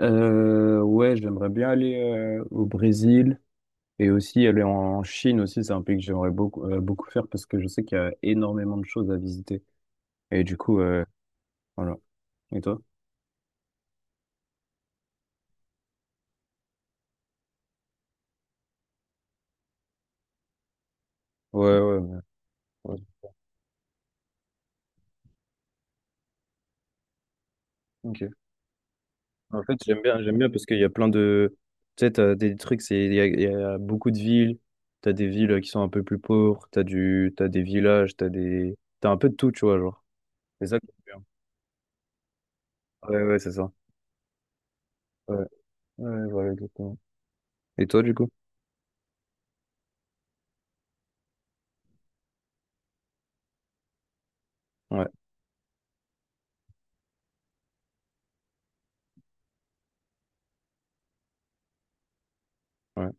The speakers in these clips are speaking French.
Ouais, j'aimerais bien aller au Brésil et aussi aller en Chine aussi. C'est un pays que j'aimerais beaucoup faire parce que je sais qu'il y a énormément de choses à visiter. Et du coup, voilà. Et toi? Ouais, ouais, ouais. Ouais. Ok. En fait, j'aime bien parce qu'il y a plein de. Tu sais, t'as des trucs, c'est, il y a beaucoup de villes. T'as des villes qui sont un peu plus pauvres. T'as des villages. T'as un peu de tout, tu vois, genre. C'est ça que j'aime bien. Ouais, ouais, c'est ça. Ouais, ouais, ouais, voilà, exactement. Et toi, du coup? Ouais, ouais.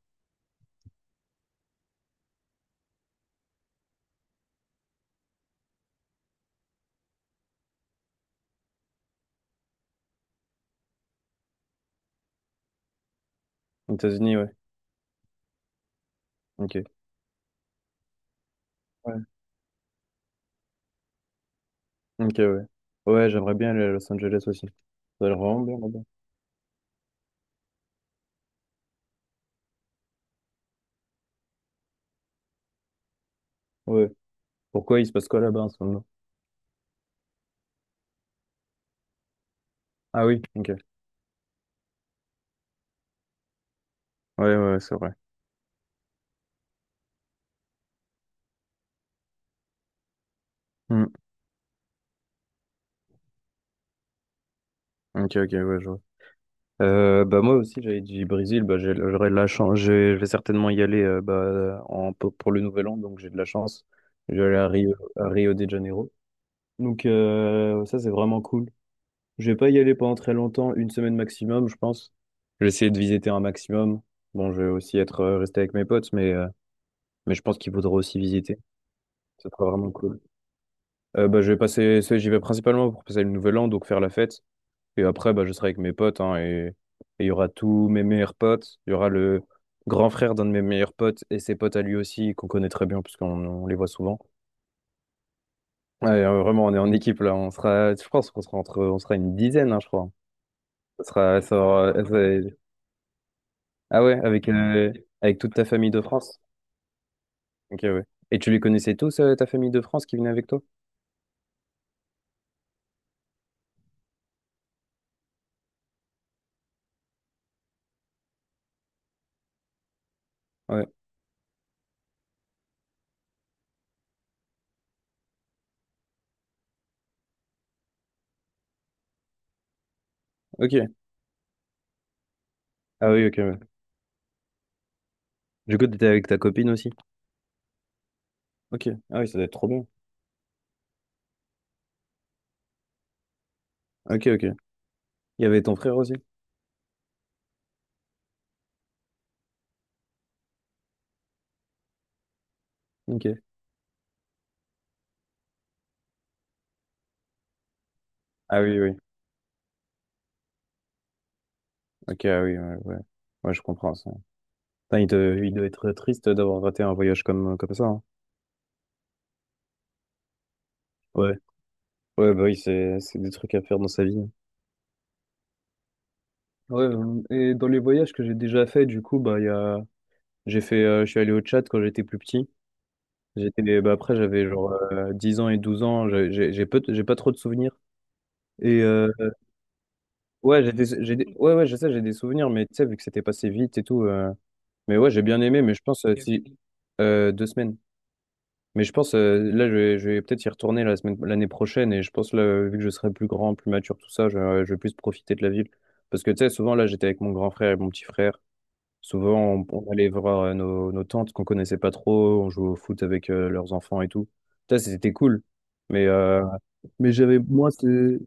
Aux États-Unis, ouais. Ok. Ouais. Ok, ouais. Ouais, j'aimerais bien aller à Los Angeles aussi. Ça a l'air vraiment bien là-bas. Ouais. Pourquoi il se passe quoi là-bas en ce moment? Ah oui, ok. Ouais, ouais, ouais, c'est vrai. Hmm. Ok, ok, ouais, je vois. Bah, moi aussi j'avais dit Brésil. Bah, j'aurais de la chance. Je vais certainement y aller bah, pour le nouvel an, donc j'ai de la chance. Je vais aller à Rio de Janeiro, donc ça c'est vraiment cool. Je vais pas y aller pendant très longtemps, une semaine maximum je pense. Je vais essayer de visiter un maximum. Bon, je vais aussi être resté avec mes potes, mais mais je pense qu'il faudra aussi visiter. Ça sera vraiment cool. Bah, je vais passer, j'y vais principalement pour passer le nouvel an, donc faire la fête. Et après, bah, je serai avec mes potes, hein, et il y aura tous mes meilleurs potes. Il y aura le grand frère d'un de mes meilleurs potes et ses potes à lui aussi, qu'on connaît très bien, puisqu'on les voit souvent. Ouais, vraiment, on est en équipe là. On sera, je pense qu'on sera on sera une dizaine, hein, je crois. Ça sera, ah ouais, avec toute ta famille de France. Ok, ouais. Et tu les connaissais tous, ta famille de France qui venait avec toi? Ouais. Ok. Ah oui, ok. Ouais. Du coup, t'étais avec ta copine aussi? Ok. Ah oui, ça doit être trop bien. Ok, ok. Il y avait ton frère aussi? Ok. Ah oui, oui. Ok, ah oui, ouais, ouais. Ouais, je comprends ça. Putain, il doit être triste d'avoir raté un voyage comme ça, hein. Ouais. Ouais, bah oui, c'est des trucs à faire dans sa vie, hein. Ouais, et dans les voyages que j'ai déjà fait, du coup, bah, il y a... Je suis allé au Tchad quand j'étais plus petit. Bah, après, j'avais genre 10 ans et 12 ans. J'ai pas trop de souvenirs. Et euh, ouais, ouais, ouais, je sais, j'ai des souvenirs, mais tu sais, vu que c'était passé vite et tout, mais ouais, j'ai bien aimé, mais je pense Ok. Si 2 semaines. Mais je pense là, je vais peut-être y retourner la semaine, l'année prochaine. Et je pense là, vu que je serai plus grand, plus mature, tout ça, je vais plus profiter de la ville. Parce que tu sais, souvent là, j'étais avec mon grand frère et mon petit frère. Souvent, on allait voir nos tantes qu'on connaissait pas trop. On jouait au foot avec leurs enfants et tout. Ça, c'était cool. Mais euh, mais j'avais moins,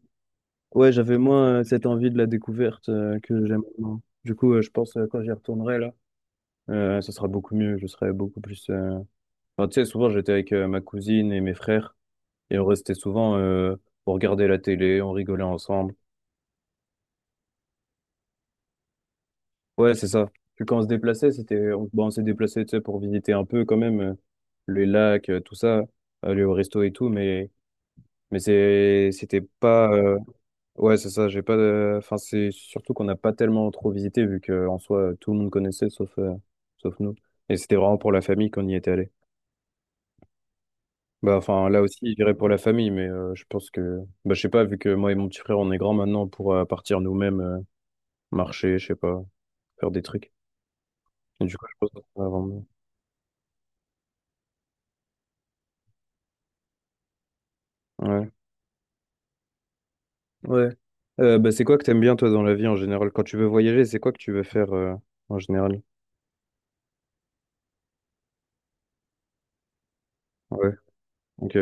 ouais, j'avais moins cette envie de la découverte que j'aime maintenant. Du coup, je pense quand j'y retournerai là ça sera beaucoup mieux. Je serai beaucoup plus. Enfin, tu sais, souvent j'étais avec ma cousine et mes frères et on restait souvent pour regarder la télé, on rigolait ensemble. Ouais, c'est ça. Puis quand on se déplaçait, bon, on s'est déplacé, tu sais, pour visiter un peu quand même les lacs, tout ça, aller au resto et tout, mais c'était pas. Ouais, c'est ça. J'ai pas. De- Enfin, c'est surtout qu'on n'a pas tellement trop visité vu que en soi tout le monde connaissait sauf nous. Et c'était vraiment pour la famille qu'on y était allé. Bah, enfin, là aussi, je dirais pour la famille, mais je pense que, bah, je sais pas, vu que moi et mon petit frère, on est grands maintenant pour partir nous-mêmes, marcher, je sais pas, faire des trucs. Et du coup, je pense que ça va Ouais. Ouais. Bah, c'est quoi que t'aimes bien, toi, dans la vie en général? Quand tu veux voyager, c'est quoi que tu veux faire en général? Ouais, ok.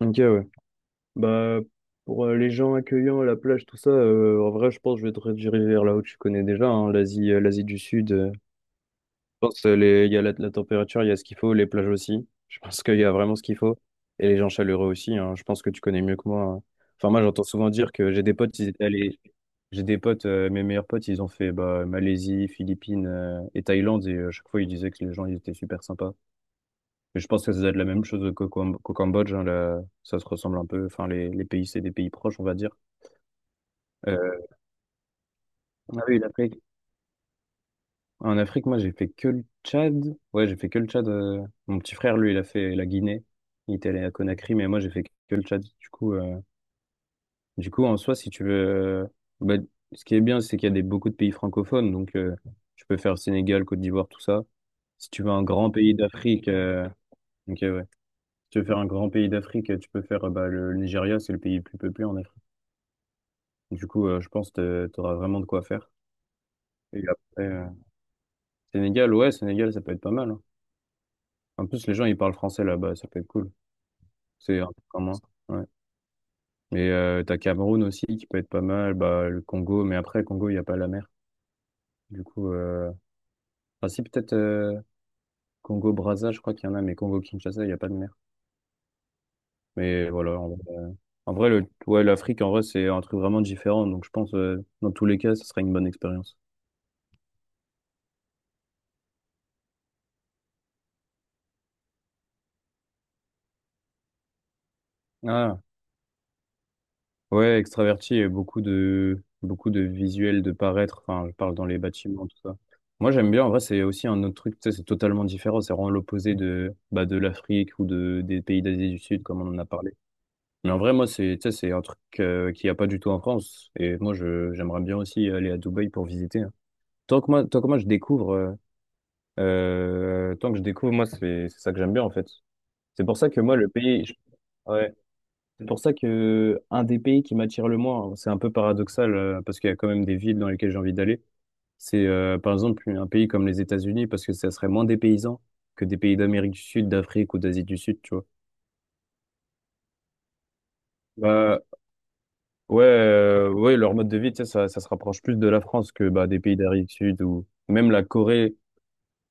Ok, ouais. Bah, pour les gens accueillants, la plage, tout ça, en vrai, je pense que je vais te rediriger vers là où tu connais déjà, hein, l'Asie du Sud. Je pense il y a la température, il y a ce qu'il faut, les plages aussi. Je pense qu'il y a vraiment ce qu'il faut. Et les gens chaleureux aussi, hein. Je pense que tu connais mieux que moi, hein. Enfin, moi, j'entends souvent dire que j'ai des potes, ils étaient allés. J'ai des potes, mes meilleurs potes, ils ont fait bah, Malaisie, Philippines et Thaïlande. À chaque fois, ils disaient que les gens, ils étaient super sympas. Et je pense que ça doit être la même chose qu'au Cambodge, hein, là. Ça se ressemble un peu. Enfin, les pays, c'est des pays proches, on va dire. Euh, Ah oui, la. En Afrique, moi, j'ai fait que le Tchad. Ouais, j'ai fait que le Tchad. Mon petit frère, lui, il a fait la Guinée. Il était allé à Conakry, mais moi, j'ai fait que le Tchad. Du coup, en soi, si tu veux, bah, ce qui est bien, c'est qu'il y a beaucoup de pays francophones. Donc, tu peux faire Sénégal, Côte d'Ivoire, tout ça. Si tu veux un grand pays d'Afrique, ok, ouais. Si tu veux faire un grand pays d'Afrique, tu peux faire bah, le Nigeria, c'est le pays le plus peuplé en Afrique. Du coup, je pense que tu auras vraiment de quoi faire. Et après, Sénégal, ouais, Sénégal, ça peut être pas mal, hein. En plus, les gens, ils parlent français là-bas, ça peut être cool. C'est un peu comme moi. Ouais. Mais t'as Cameroun aussi qui peut être pas mal, bah, le Congo, mais après, Congo, il n'y a pas la mer. Du coup, enfin, si, peut-être Congo-Brazza, je crois qu'il y en a, mais Congo-Kinshasa, il n'y a pas de mer. Mais voilà, en vrai, ouais, l'Afrique, en vrai, c'est un truc vraiment différent. Donc, je pense, dans tous les cas, ce sera une bonne expérience. Ah, ouais, extraverti et beaucoup de visuels de paraître. Enfin, je parle dans les bâtiments, tout ça. Moi, j'aime bien. En vrai, c'est aussi un autre truc. Tu sais, c'est totalement différent. C'est vraiment l'opposé de l'Afrique ou de des pays d'Asie du Sud, comme on en a parlé. Mais en vrai, moi, c'est tu sais, c'est un truc qu'il n'y a pas du tout en France. Et moi, je j'aimerais bien aussi aller à Dubaï pour visiter, hein. Tant que moi, je découvre. Tant que je découvre, moi, c'est ça que j'aime bien en fait. C'est pour ça que moi, le pays. Ouais. C'est pour ça que un des pays qui m'attire le moins, c'est un peu paradoxal parce qu'il y a quand même des villes dans lesquelles j'ai envie d'aller. C'est par exemple un pays comme les États-Unis parce que ça serait moins dépaysant que des pays d'Amérique du Sud, d'Afrique ou d'Asie du Sud, tu vois. Bah ouais, ouais, leur mode de vie, tu sais, ça se rapproche plus de la France que bah, des pays d'Amérique du Sud ou même la Corée.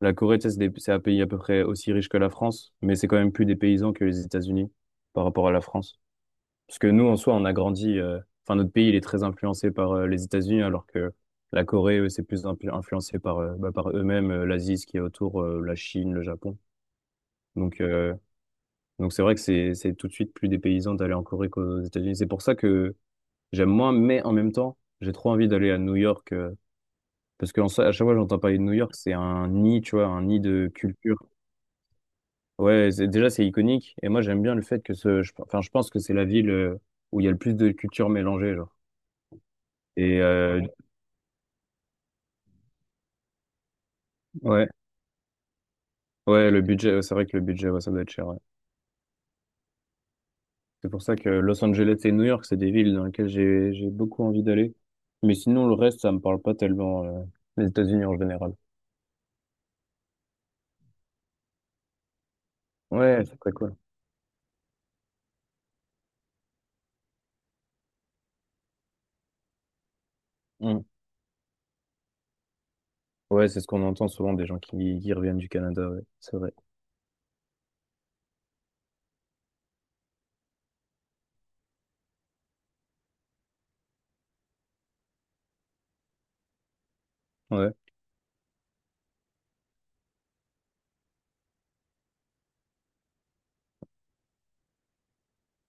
La Corée, tu sais, c'est un pays à peu près aussi riche que la France, mais c'est quand même plus dépaysant que les États-Unis par rapport à la France. Parce que nous, en soi, on a grandi. Enfin, notre pays, il est très influencé par les États-Unis, alors que la Corée, eux, c'est plus influencé bah, par eux-mêmes, l'Asie, ce qui est autour, la Chine, le Japon. Donc, euh, donc, c'est vrai que c'est tout de suite plus dépaysant d'aller en Corée qu'aux États-Unis. C'est pour ça que j'aime moins, mais en même temps, j'ai trop envie d'aller à New York. Parce qu'en soi, à chaque fois, j'entends parler de New York, c'est un nid, tu vois, un nid de culture. Ouais, déjà, c'est iconique. Et moi, j'aime bien le fait que Enfin, je pense que c'est la ville où il y a le plus de culture mélangée, genre. Et euh, Ouais, ouais, le budget, ouais, c'est vrai que le budget, ouais, ça doit être cher. Ouais. C'est pour ça que Los Angeles et New York, c'est des villes dans lesquelles j'ai beaucoup envie d'aller. Mais sinon, le reste, ça me parle pas tellement, les États-Unis en général. Ouais, c'est très cool. Mm. Ouais, c'est ce qu'on entend souvent des gens qui reviennent du Canada, ouais, c'est vrai. Ouais.